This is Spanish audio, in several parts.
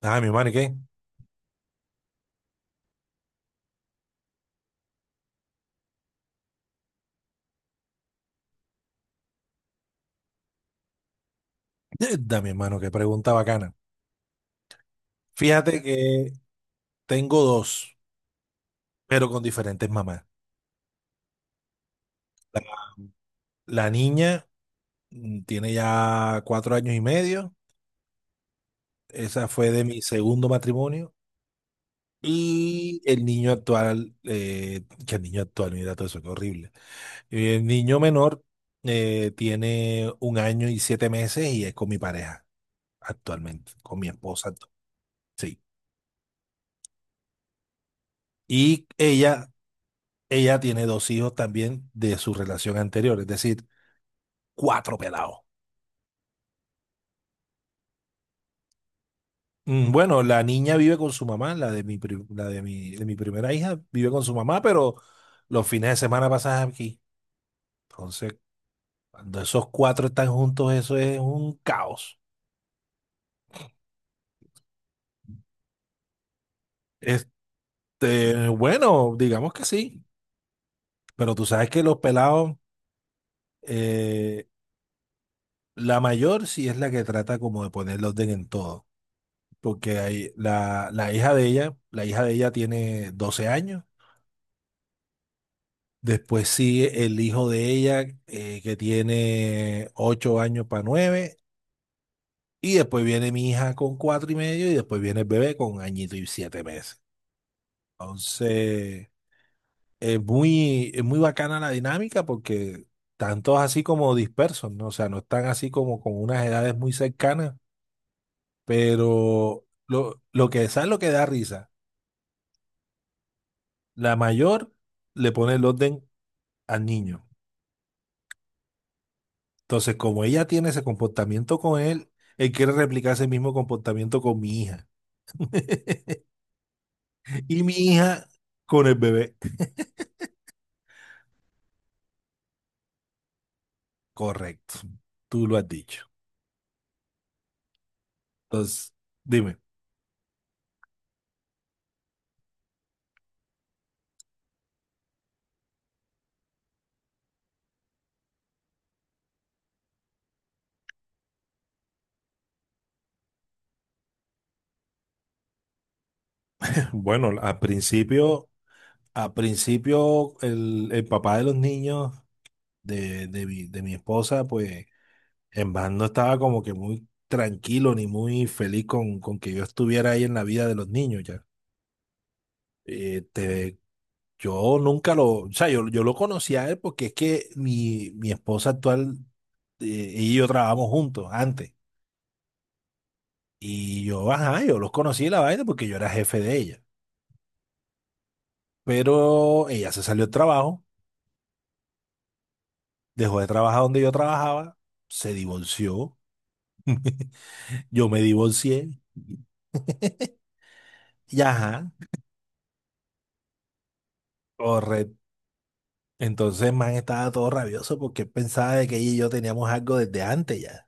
Ah, mi hermano, ¿y qué? Da, mi hermano, qué pregunta bacana. Fíjate que tengo dos, pero con diferentes mamás. La, la niña tiene ya 4 años y medio. Esa fue de mi segundo matrimonio. Y el niño actual, que el niño actual, mira todo eso, qué horrible. Y el niño menor tiene 1 año y 7 meses y es con mi pareja actualmente, con mi esposa. Sí. Y ella Ella tiene dos hijos también de su relación anterior, es decir, cuatro pelados. Bueno, la niña vive con su mamá, la de mi, pri- la de mi primera hija vive con su mamá, pero los fines de semana pasas aquí. Entonces, cuando esos cuatro están juntos, eso es un caos. Este, bueno, digamos que sí, pero tú sabes que los pelados, eh, la mayor sí es la que trata como de poner el orden en todo, porque hay, la hija de ella, la hija de ella tiene 12 años. Después sigue el hijo de ella, que tiene 8 años para nueve. Y después viene mi hija con cuatro y medio. Y después viene el bebé con añito y 7 meses. Entonces, es muy bacana la dinámica porque están todos así como dispersos, ¿no? O sea, no están así como con unas edades muy cercanas. Pero lo que es lo que da risa. La mayor le pone el orden al niño. Entonces, como ella tiene ese comportamiento con él, él quiere replicar ese mismo comportamiento con mi hija. Y mi hija con el bebé. Correcto. Tú lo has dicho. Entonces, dime. Bueno, al principio el papá de los niños de mi esposa, pues en verdad no estaba como que muy tranquilo ni muy feliz con que yo estuviera ahí en la vida de los niños ya. Este, yo nunca lo, o sea, yo lo conocí a él porque es que mi esposa actual, eh, ella y yo trabajamos juntos antes. Y yo, ajá, yo los conocí la vaina porque yo era jefe de ella. Pero ella se salió del trabajo, dejó de trabajar donde yo trabajaba, se divorció, yo me divorcié, y ajá, correcto. Entonces, man, estaba todo rabioso porque él pensaba de que ella y yo teníamos algo desde antes ya.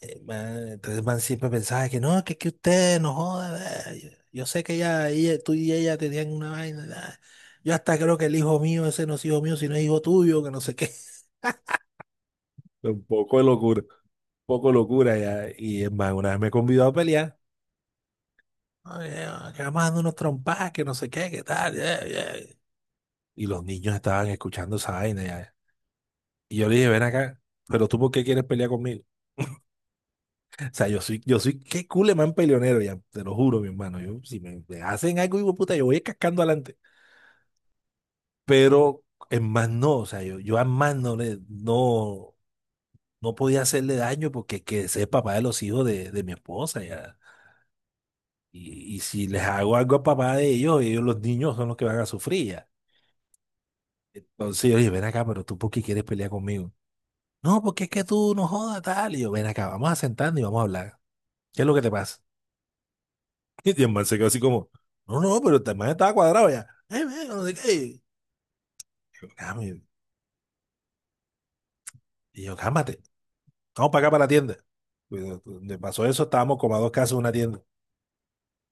Entonces el man siempre pensaba que no, que usted no joda. Yo sé que ella, tú y ella tenían una vaina. Nah. Yo hasta creo que el hijo mío, ese no es hijo mío, sino es hijo tuyo, que no sé qué. Un poco de locura, un poco de locura ya. Y es más, una vez me convidó a pelear. Ay, que vamos dando unos trompadas, que no sé qué, que tal. Y los niños estaban escuchando esa vaina ya. Y yo le dije, ven acá, pero tú ¿por qué quieres pelear conmigo? O sea, yo soy, qué culemán peleonero, ya, te lo juro, mi hermano. Yo, si me hacen algo, hijo de puta, yo voy cascando adelante. Pero en más no, o sea, yo a más no le, no, no podía hacerle daño porque que ese es papá de los hijos de mi esposa, ya. Y si les hago algo a papá de ellos, ellos, los niños son los que van a sufrir, ya. Entonces oye ven acá, pero tú, ¿por qué quieres pelear conmigo? No, porque es que tú no jodas, tal. Y yo, ven acá, vamos a sentarnos y vamos a hablar. ¿Qué es lo que te pasa? Y el man se quedó así como, no, no, pero el man estaba cuadrado ya. Man, no sé qué. Yo, "Cami". Y yo, cálmate, vamos para acá para la tienda. Pues, donde pasó eso, estábamos como a dos casas de una tienda.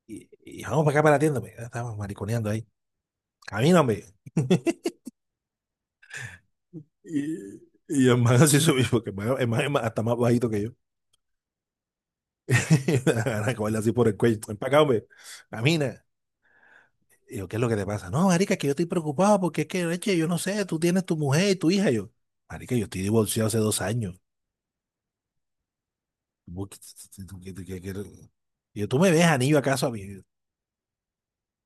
Y vamos para acá para la tienda, me. Estábamos mariconeando ahí. Camíname. Y, y el man así subió, porque el man es hasta más bajito que yo. Ana, cogerle así por el cuello. Ven para acá, hombre. Camina. Y yo, ¿qué es lo que te pasa? No, marica, que yo estoy preocupado porque es que, leche, yo no sé, tú tienes tu mujer y tu hija. Y yo, marica, yo estoy divorciado hace 2 años. Vos que- Yo, ¿tú me ves anillo acaso a mí?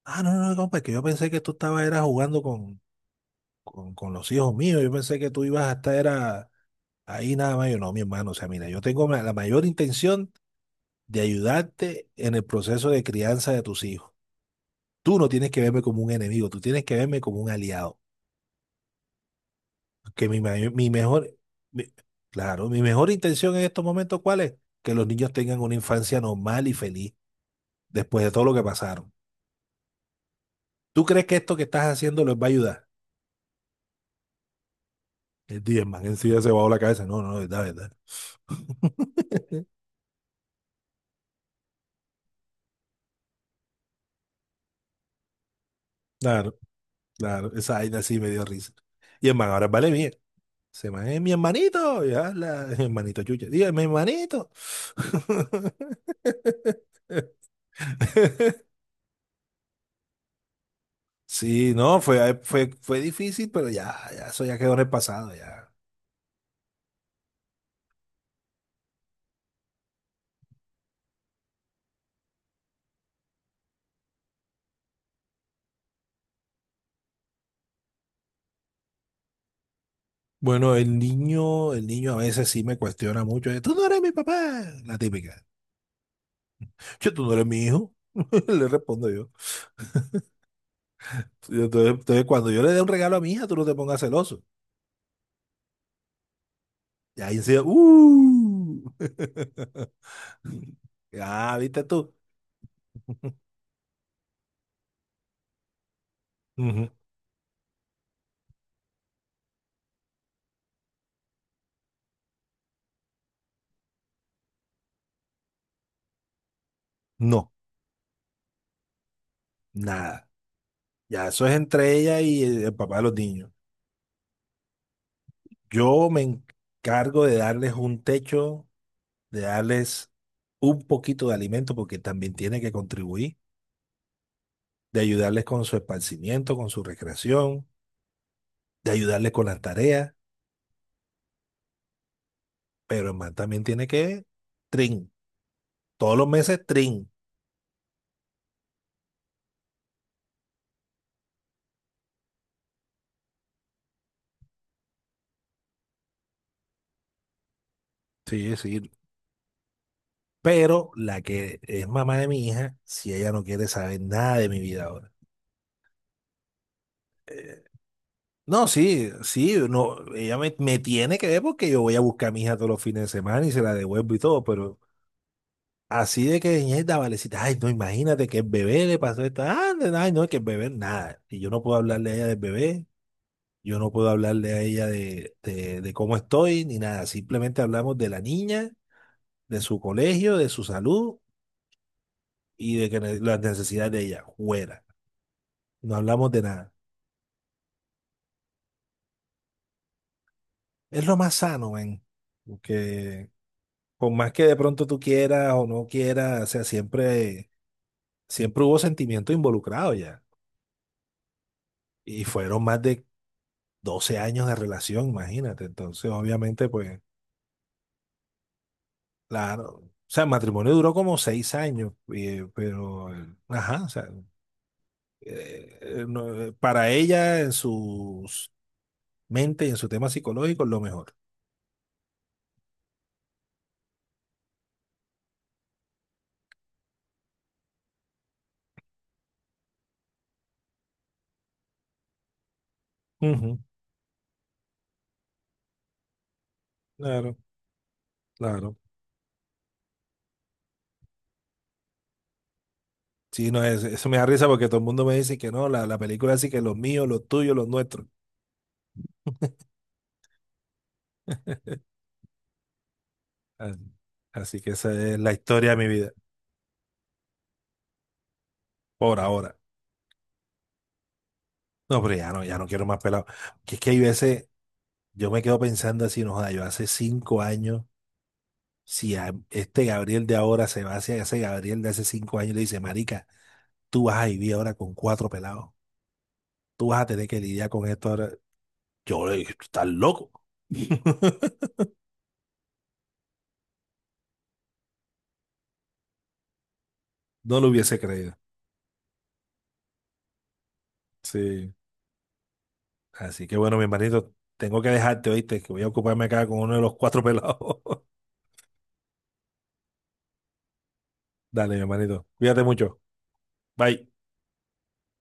Ah, no, no, no, compa, es que yo pensé que tú estabas era jugando con los hijos míos. Yo pensé que tú ibas a estar era ahí nada más. Yo, no, mi hermano, o sea, mira, yo tengo la mayor intención de ayudarte en el proceso de crianza de tus hijos. Tú no tienes que verme como un enemigo, tú tienes que verme como un aliado. Que mi, mayor- mi mejor, mi- claro, mi mejor intención en estos momentos, ¿cuál es? Que los niños tengan una infancia normal y feliz después de todo lo que pasaron. ¿Tú crees que esto que estás haciendo les va a ayudar? El Diezman en sí ya se bajó la cabeza. No, no, verdad, verdad. Claro, claro, esa vaina sí me dio risa. Y el man ahora vale bien. Se man es mi hermanito, ya, la, hermanito chucha. Diga, mi hermanito. Sí, no, fue, fue, fue difícil, pero ya, ya, eso ya quedó en el pasado, ya. Bueno, el niño a veces sí me cuestiona mucho. Tú no eres mi papá, la típica. Yo, tú no eres mi hijo, le respondo. Y cuando yo le dé un regalo a mi hija, tú no te pongas celoso. Y ahí sí, ¡uh! Ah, ¿viste tú? Ujú. No, nada. Ya eso es entre ella y el papá de los niños. Yo me encargo de darles un techo, de darles un poquito de alimento, porque también tiene que contribuir, de ayudarles con su esparcimiento, con su recreación, de ayudarles con las tareas, pero el man también tiene que, trin, todos los meses, trin. Sí, sí. Pero la que es mamá de mi hija, si ella no quiere saber nada de mi vida ahora. No, sí, sí, no, ella me tiene que ver porque yo voy a buscar a mi hija todos los fines de semana y se la devuelvo y todo, pero así de que ñeta, valecita, ay, no, imagínate que el bebé le pasó esto, ah, ay, no, que el bebé nada. Y yo no puedo hablarle a ella del bebé, yo no puedo hablarle a ella de cómo estoy, ni nada, simplemente hablamos de la niña, de su colegio, de su salud y de que las necesidades de ella, fuera, no hablamos de nada. Es lo más sano, ven. Porque por más que de pronto tú quieras o no quieras, o sea, siempre, siempre hubo sentimiento involucrado ya. Y fueron más de 12 años de relación, imagínate. Entonces, obviamente, pues, claro. O sea, el matrimonio duró como 6 años, pero, ajá, o sea, no, para ella, en su mente y en su tema psicológico, es lo mejor. Ujú. Claro, claro. Sí, no, eso me da risa porque todo el mundo me dice que no, la película así que los míos, los tuyos, los nuestros. Ah, así que esa es la historia de mi vida, por ahora. No, pero ya no, ya no quiero más pelado. Que es que hay veces, yo me quedo pensando así, no, joda, yo hace 5 años, si a este Gabriel de ahora se va hacia ese Gabriel de hace 5 años y le dice, marica, tú vas a vivir ahora con cuatro pelados, tú vas a tener que lidiar con esto ahora. Yo le dije, tú estás loco. No lo hubiese creído. Sí. Así que bueno, mi hermanito, tengo que dejarte, ¿oíste? Que voy a ocuparme acá con uno de los cuatro pelados. Dale, mi hermanito. Cuídate mucho. Bye.